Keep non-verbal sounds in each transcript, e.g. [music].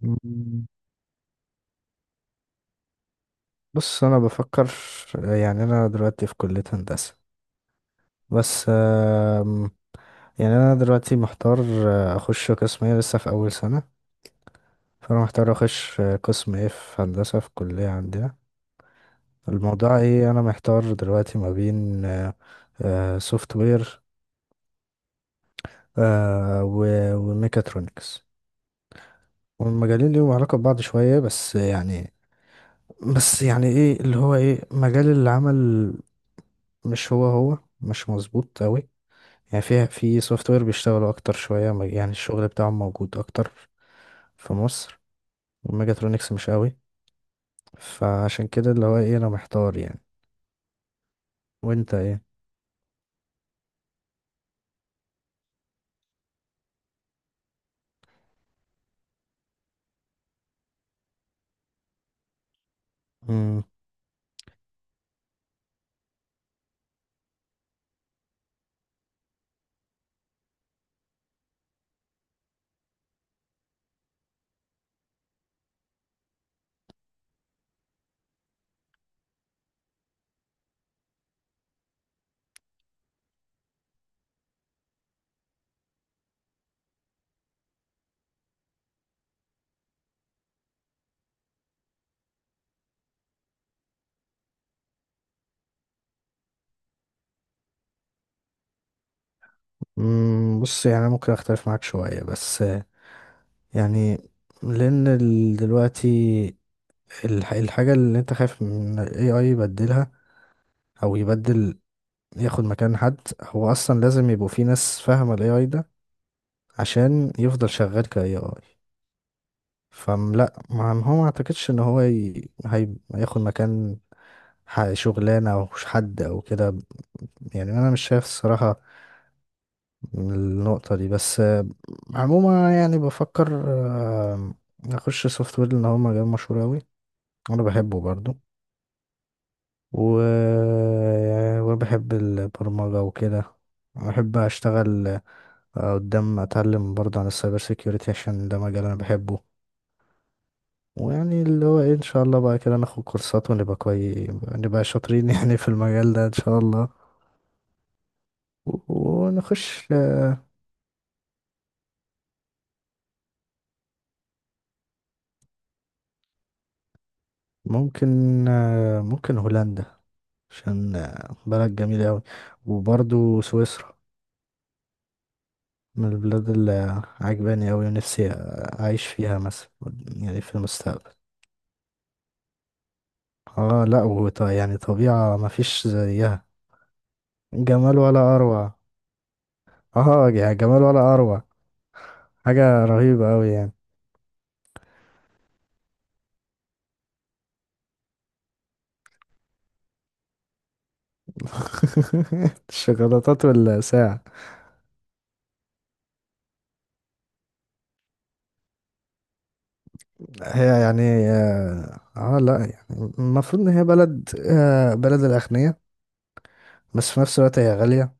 مم، بص انا بفكر. يعني انا دلوقتي في كلية هندسة. بس يعني انا دلوقتي محتار اخش قسم ايه، لسه في اول سنة. فانا محتار اخش قسم ايه في هندسة في الكلية عندنا. الموضوع ايه، انا محتار دلوقتي ما بين سوفت وير وميكاترونكس. والمجالين ليهم علاقة ببعض شوية، بس يعني بس يعني ايه اللي هو ايه مجال العمل، مش هو هو مش مظبوط قوي. يعني في سوفت وير بيشتغلوا اكتر شويه، يعني الشغل بتاعهم موجود اكتر في مصر، والميجاترونكس مش قوي. فعشان كده اللي هو ايه انا محتار يعني. وانت ايه؟ مم. بص يعني أنا ممكن اختلف معاك شويه، بس يعني لان دلوقتي الحاجه اللي انت خايف من الاي اي يبدلها او يبدل، ياخد مكان حد، هو اصلا لازم يبقوا في ناس فاهمه الاي اي ده عشان يفضل شغال كاي اي. فلا ما هو ما اعتقدش ان هو هياخد مكان شغلانه او حد او كده. يعني انا مش شايف الصراحه النقطه دي، بس عموما يعني بفكر اخش سوفت وير لان هو مجال مشهور اوي، وانا بحبه برضو، و... وبحب البرمجه وكده، بحب اشتغل. قدام اتعلم برضه عن السايبر سيكيورتي عشان ده مجال انا بحبه. ويعني اللي هو ايه ان شاء الله بقى كده ناخد كورسات ونبقى كويس، نبقى شاطرين [laughs] يعني في المجال ده ان شاء الله. و- ونخش. ممكن ممكن هولندا، عشان بلد جميلة أوي. وبرضو سويسرا من البلاد اللي عجباني أوي، ونفسي أعيش فيها مثلا، يعني في المستقبل. اه لا يعني طبيعة مفيش زيها، جمال ولا أروع. اه يعني جمال ولا أروع، حاجة رهيبة أوي يعني. [laughs] الشوكولاتات والساعة. هي يعني اه لا يعني المفروض ان هي بلد آه بلد الاغنياء، بس في نفس الوقت هي غالية،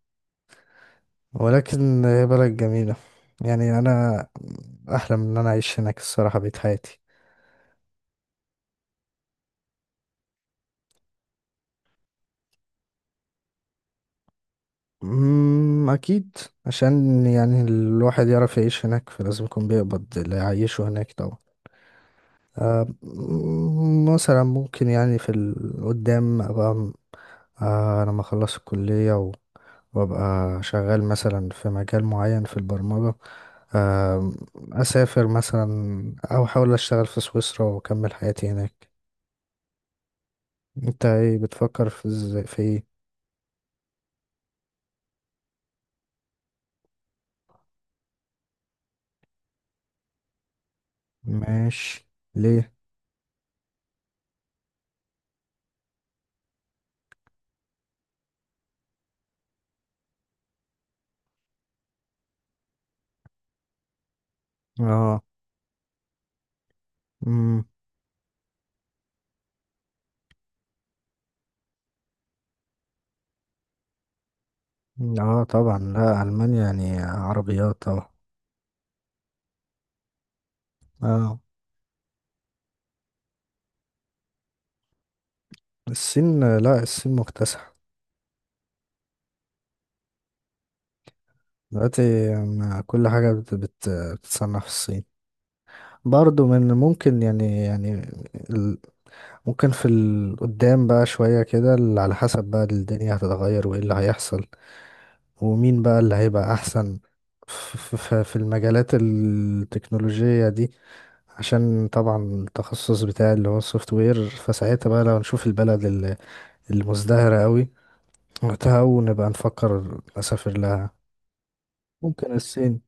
ولكن هي بلد جميلة. يعني انا احلم ان انا اعيش هناك الصراحة بقيت حياتي. اكيد، عشان يعني الواحد يعرف يعيش هناك فلازم يكون بيقبض اللي يعيشه هناك طبعا. آه، أمم، مثلا ممكن يعني في القدام ابقى آه، لما اخلص الكلية وابقى شغال مثلا في مجال معين في البرمجة، آه، اسافر مثلا او احاول اشتغل في سويسرا واكمل حياتي هناك. انت ايه بتفكر، في ازاي، في ايه؟ ماشي. ليه؟ اه. امم. اه طبعا، لا المانيا يعني عربيات طبعا. اه الصين، لا الصين مكتسحة دلوقتي. كل حاجة بتتصنع في الصين. برضو من ممكن يعني يعني ممكن في القدام بقى شوية كده على حسب بقى الدنيا هتتغير وايه اللي هيحصل، ومين بقى اللي هيبقى أحسن في المجالات التكنولوجية دي. عشان طبعا التخصص بتاعي اللي هو السوفت وير، فساعتها بقى لو نشوف البلد المزدهرة قوي وقتها، ونبقى نفكر نسافر لها. ممكن الصين.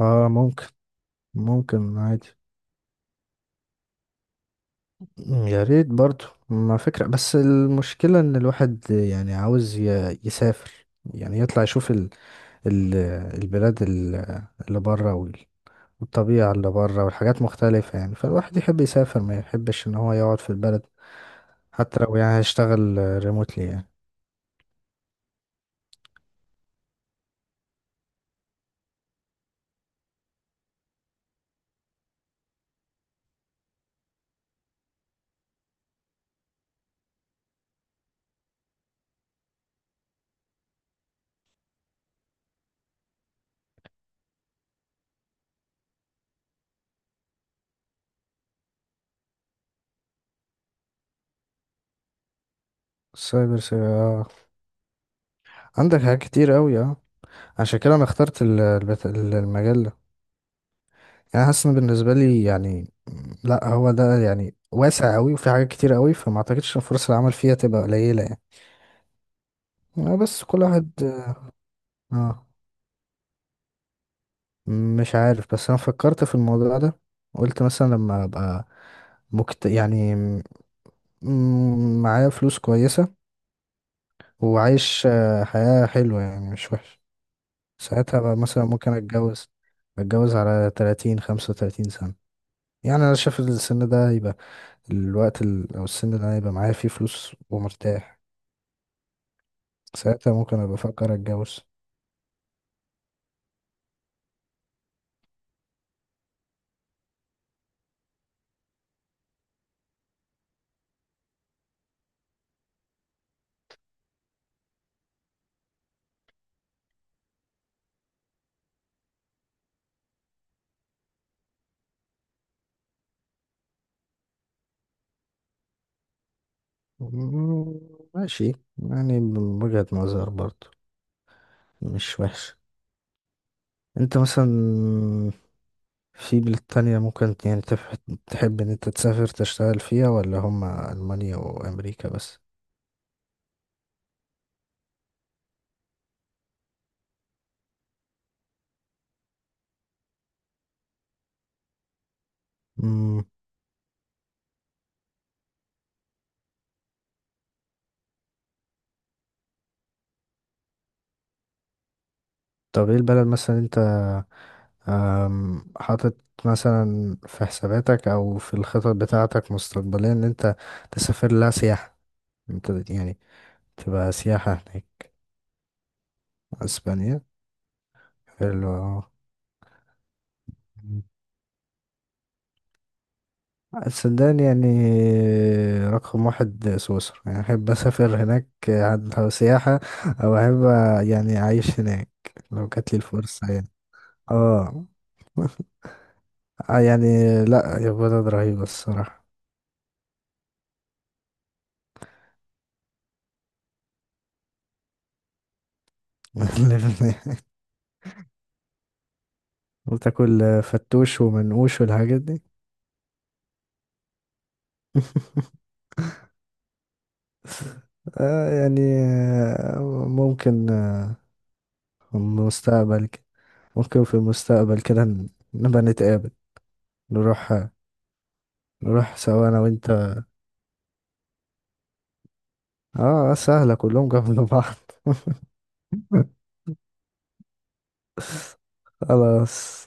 اه ممكن. ممكن عادي. يا ريت برضو ما فكرة، بس المشكلة ان الواحد يعني عاوز يسافر، يعني يطلع يشوف ال البلاد اللي بره والطبيعة اللي بره والحاجات مختلفة يعني، فالواحد يحب يسافر ما يحبش ان هو يقعد في البلد، حتى لو يعني هيشتغل ريموتلي يعني. السايبر اه، عندك حاجات كتير قوي اه. عشان كده انا اخترت المجال ده. يعني حاسس ان بالنسبه لي يعني لا هو ده يعني واسع قوي، وفي حاجات كتير قوي، فما اعتقدش ان فرص العمل فيها تبقى قليله يعني. بس كل واحد. اه مش عارف، بس انا فكرت في الموضوع ده. قلت مثلا لما ابقى يعني معايا فلوس كويسه وعايش حياه حلوه يعني مش وحش، ساعتها بقى مثلا ممكن اتجوز، اتجوز على 30 35 سنه. يعني انا شايف السن ده هيبقى او السن ده هيبقى معايا فيه فلوس ومرتاح، ساعتها ممكن ابقى افكر اتجوز. مم، ماشي. يعني من وجهة نظر برضو مش وحش. انت مثلا في بلاد تانية ممكن يعني تحب ان انت تسافر تشتغل فيها، ولا هما المانيا وامريكا بس؟ مم. طب ايه البلد مثلا انت حاطط مثلا في حساباتك او في الخطط بتاعتك مستقبليا ان انت تسافر لها سياحة، انت يعني تبقى سياحة هناك؟ اسبانيا. حلو. السودان يعني، رقم واحد سويسرا يعني، أحب أسافر هناك سياحة، أو أحب يعني أعيش هناك لو جات لي الفرصة يعني. اه. آه يعني لا، يا بلد رهيبة الصراحة. [laughs] وتاكل فتوش ومنقوش والحاجات دي. [laughs] آه يعني ممكن في المستقبل كده، ممكن في المستقبل كده نبقى نتقابل، نروح، نروح سوا أنا وأنت. اه سهلة كلهم جنب بعض. [laughs] خلاص.